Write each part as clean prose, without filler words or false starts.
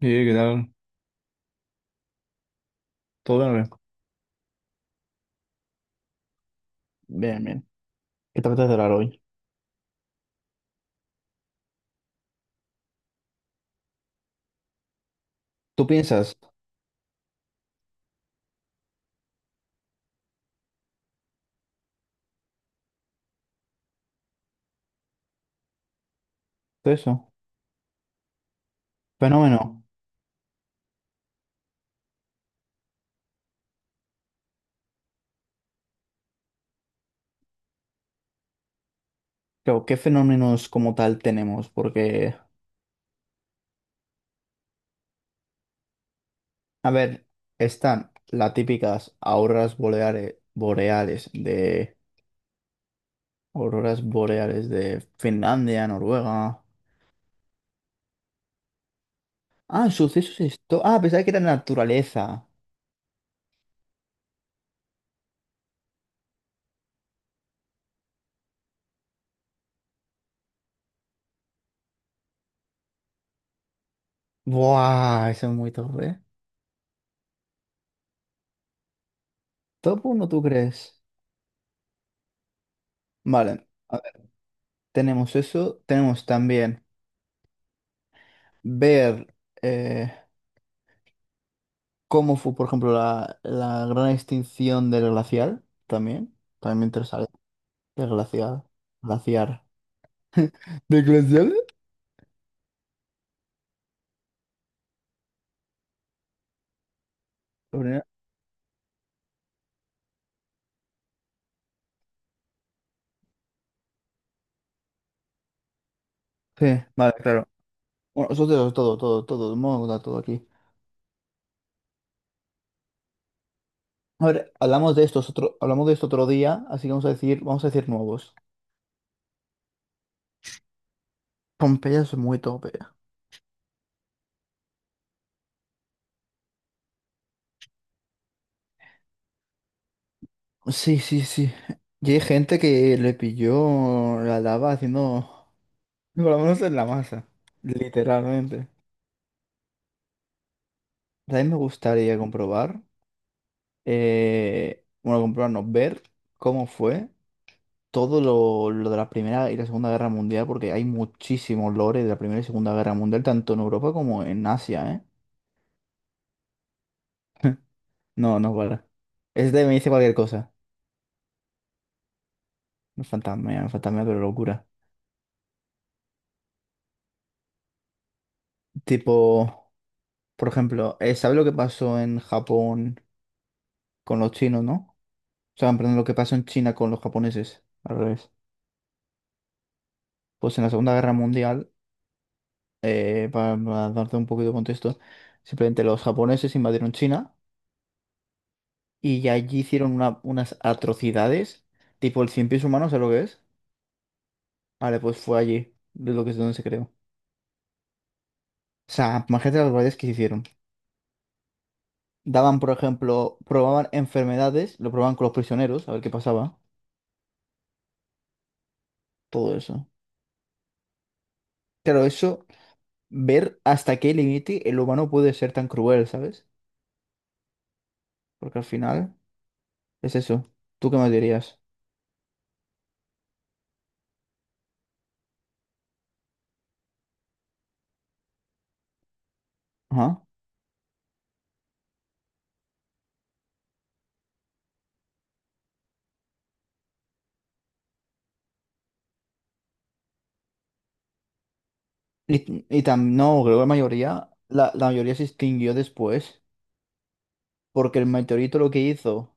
Sí, ¿qué tal? ¿Todo bien o qué? Bien, bien. ¿Qué te apetece hablar hoy? ¿Tú piensas de eso? Fenómeno. Claro, ¿qué fenómenos como tal tenemos? Porque, a ver, están las típicas auroras boreales, boreales de auroras boreales de Finlandia, Noruega. Ah, sucesos esto. Ah, pensaba que era naturaleza. Buah, eso es muy top, ¿eh? Top uno, ¿tú crees? Vale, a ver, tenemos eso. Tenemos también ver. eh, Cómo fue, por ejemplo, la gran extinción del glacial también. También me interesaría. El glacial. Glaciar. ¿De glacial? Sobre... Sí, vale, claro. Bueno, eso es todo, todo, todo, vamos a contar todo aquí. A ver, hablamos de estos otro, hablamos de esto otro día, así que vamos a decir nuevos. Pompeya es muy tope. Sí, sí, sí. Y hay gente que le pilló la lava haciendo, por lo menos en la masa, literalmente. También me gustaría comprobar. Bueno, comprarnos, ver cómo fue todo lo de la Primera y la Segunda Guerra Mundial, porque hay muchísimos lores de la Primera y Segunda Guerra Mundial, tanto en Europa como en Asia. ¿Eh? No, no para. Este me dice cualquier cosa. No fantasma, fantasma, pero locura. Tipo, por ejemplo, ¿sabes lo que pasó en Japón con los chinos, no? O sea, perdón, lo que pasó en China con los japoneses, al revés. Pues en la Segunda Guerra Mundial para darte un poquito de contexto, simplemente los japoneses invadieron China y allí hicieron unas atrocidades, tipo el cien pies humano, ¿sabes lo que es? Vale, pues fue allí, de lo que es donde se creó. O sea, imagínate las barbaridades que se hicieron. Daban, por ejemplo, probaban enfermedades, lo probaban con los prisioneros, a ver qué pasaba, todo eso. Claro, eso, ver hasta qué límite el humano puede ser tan cruel, ¿sabes? Porque al final es eso. ¿Tú qué me dirías? Ajá. Y tam... no, creo que la mayoría, la mayoría se extinguió después, porque el meteorito lo que hizo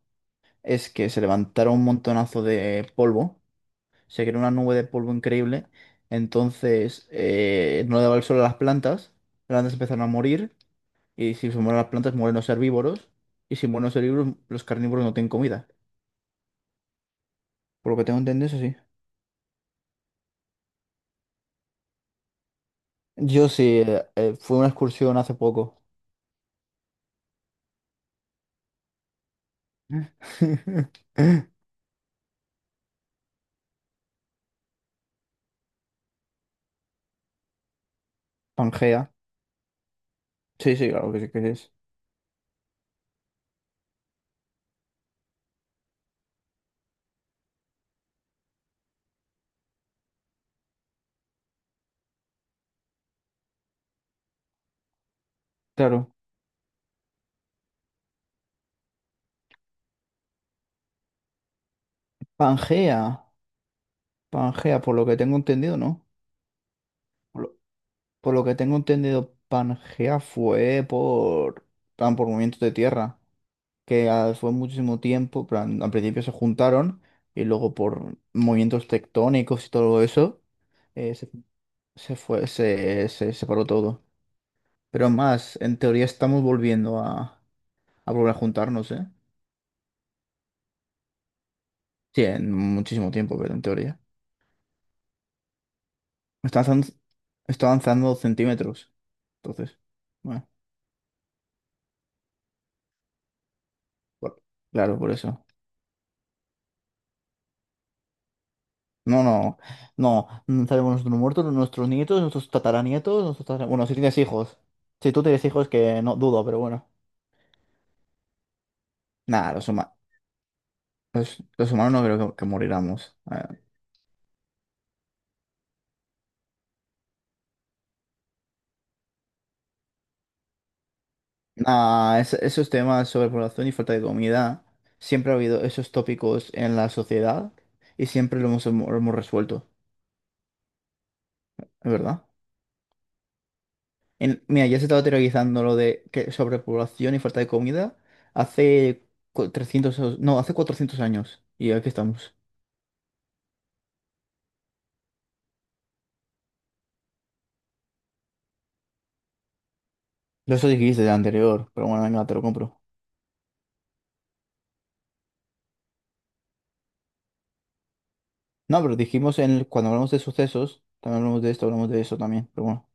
es que se levantaron un montonazo de polvo, se creó una nube de polvo increíble, entonces no le daba el sol a las plantas empezaron a morir, y si se mueren las plantas, mueren los herbívoros, y si mueren los herbívoros, los carnívoros no tienen comida. Por lo que tengo entendido, eso sí. Yo sí, fue una excursión hace poco. Pangea. Sí, sí, claro que sí que es. Claro. Pangea, Pangea, por lo que tengo entendido, ¿no? Por lo, por lo que tengo entendido, Pangea fue por, plan, por movimientos de tierra, que fue muchísimo tiempo, plan, al principio se juntaron y luego por movimientos tectónicos y todo eso, eh, se, se fue, se separó todo. Pero más, en teoría estamos volviendo a volver a juntarnos, ¿eh? Sí, en muchísimo tiempo, pero en teoría. Está avanzando, está avanzando centímetros, entonces. Bueno. Bueno, claro, por eso. No, no, no, no sabemos nuestros muertos, nuestros nietos, nuestros tataranietos, nuestros tatara... Bueno, si tienes hijos. Si tú tienes hijos, que no dudo, pero bueno. Nada, los humanos no creo que moriramos. Ah, nada, esos temas sobre población y falta de comida, siempre ha habido esos tópicos en la sociedad y siempre lo hemos resuelto, ¿es verdad? En... mira, ya se estaba teorizando lo de que sobrepoblación y falta de comida hace 300, no, hace 400 años. Y aquí estamos. No, eso dijiste de anterior, pero bueno, venga, te lo compro. No, pero dijimos en el... cuando hablamos de sucesos, también hablamos de esto, hablamos de eso también, pero bueno.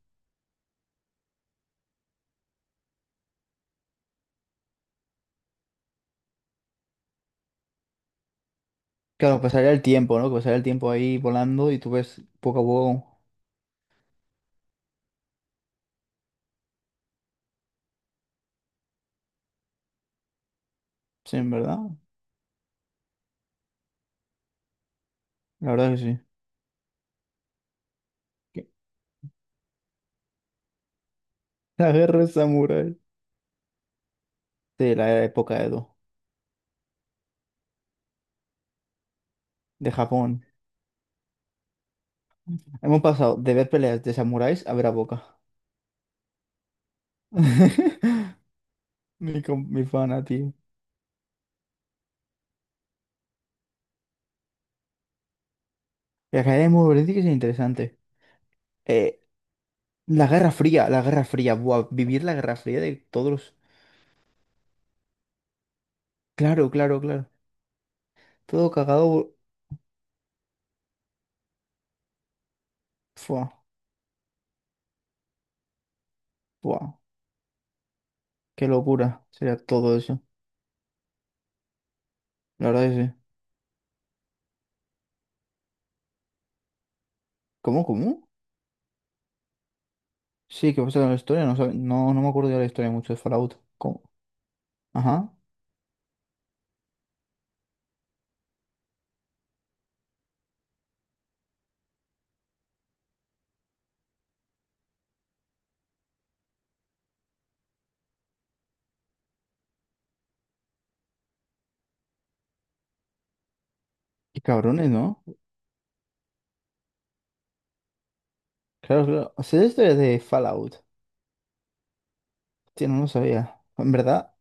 Claro, pasaría el tiempo, ¿no? Que pasaría el tiempo ahí volando y tú ves poco a poco. Sí, en verdad. La verdad que sí. ¿Qué? La guerra de samurái. Sí, la época Edo, de Japón. Hemos pasado de ver peleas de samuráis a ver a Boca. Mi, com... mi pana, tío. La carrera de Morency que es interesante. Eh, la Guerra Fría, la Guerra Fría. Buah, vivir la Guerra Fría de todos los... Claro, claro, claro. Todo cagado. Fua, buah. Qué locura sería todo eso. La verdad es que sí. ¿Cómo, cómo? Sí, ¿qué pasa con la historia? No, sabe... no, no me acuerdo de la historia mucho de Fallout. ¿Cómo? Ajá. Qué cabrones, ¿no? Claro, claro. O sea, la historia de Fallout. Tío, no lo sabía. En verdad,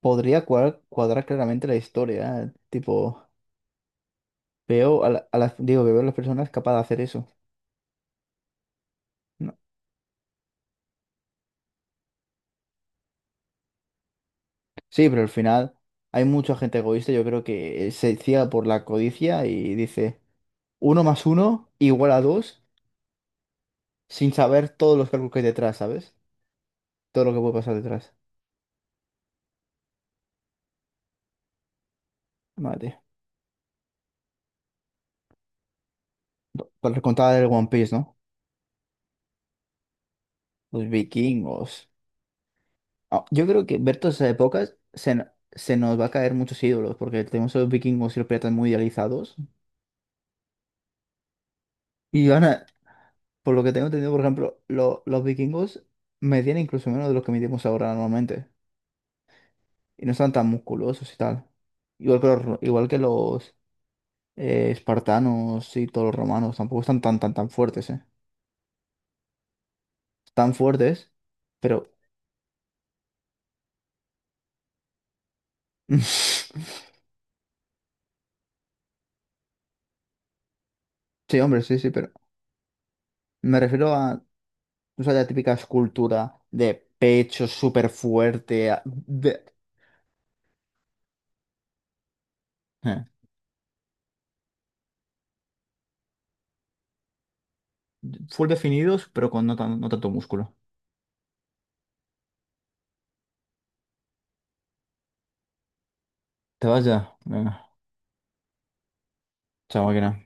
podría cuadrar, cuadrar claramente la historia. ¿Eh? Tipo... Veo a, la... a las, digo que veo a las personas capaces de hacer eso. ¿No? Sí, pero al final hay mucha gente egoísta, yo creo que se ciega por la codicia y dice uno más uno igual a dos, sin saber todos los cálculos que hay detrás, ¿sabes? Todo lo que puede pasar detrás. Madre. Para contar el One Piece, ¿no? Los vikingos. Ah, yo creo que ver todas esas épocas se, n... se nos va a caer muchos ídolos, porque tenemos a los vikingos y los piratas muy idealizados. Y van a, por lo que tengo entendido, por ejemplo, los vikingos medían incluso menos de lo que medimos ahora normalmente. Y no están tan musculosos y tal. Igual que igual que los espartanos y todos los romanos, tampoco están tan, tan, tan fuertes, ¿eh? Están fuertes, pero... Sí, hombre, sí, sí, pero me refiero a, o sea, la típica escultura de pecho súper fuerte, eh, full definidos, pero con no, no tanto músculo. ¿Te vas ya? Venga, chao, máquina.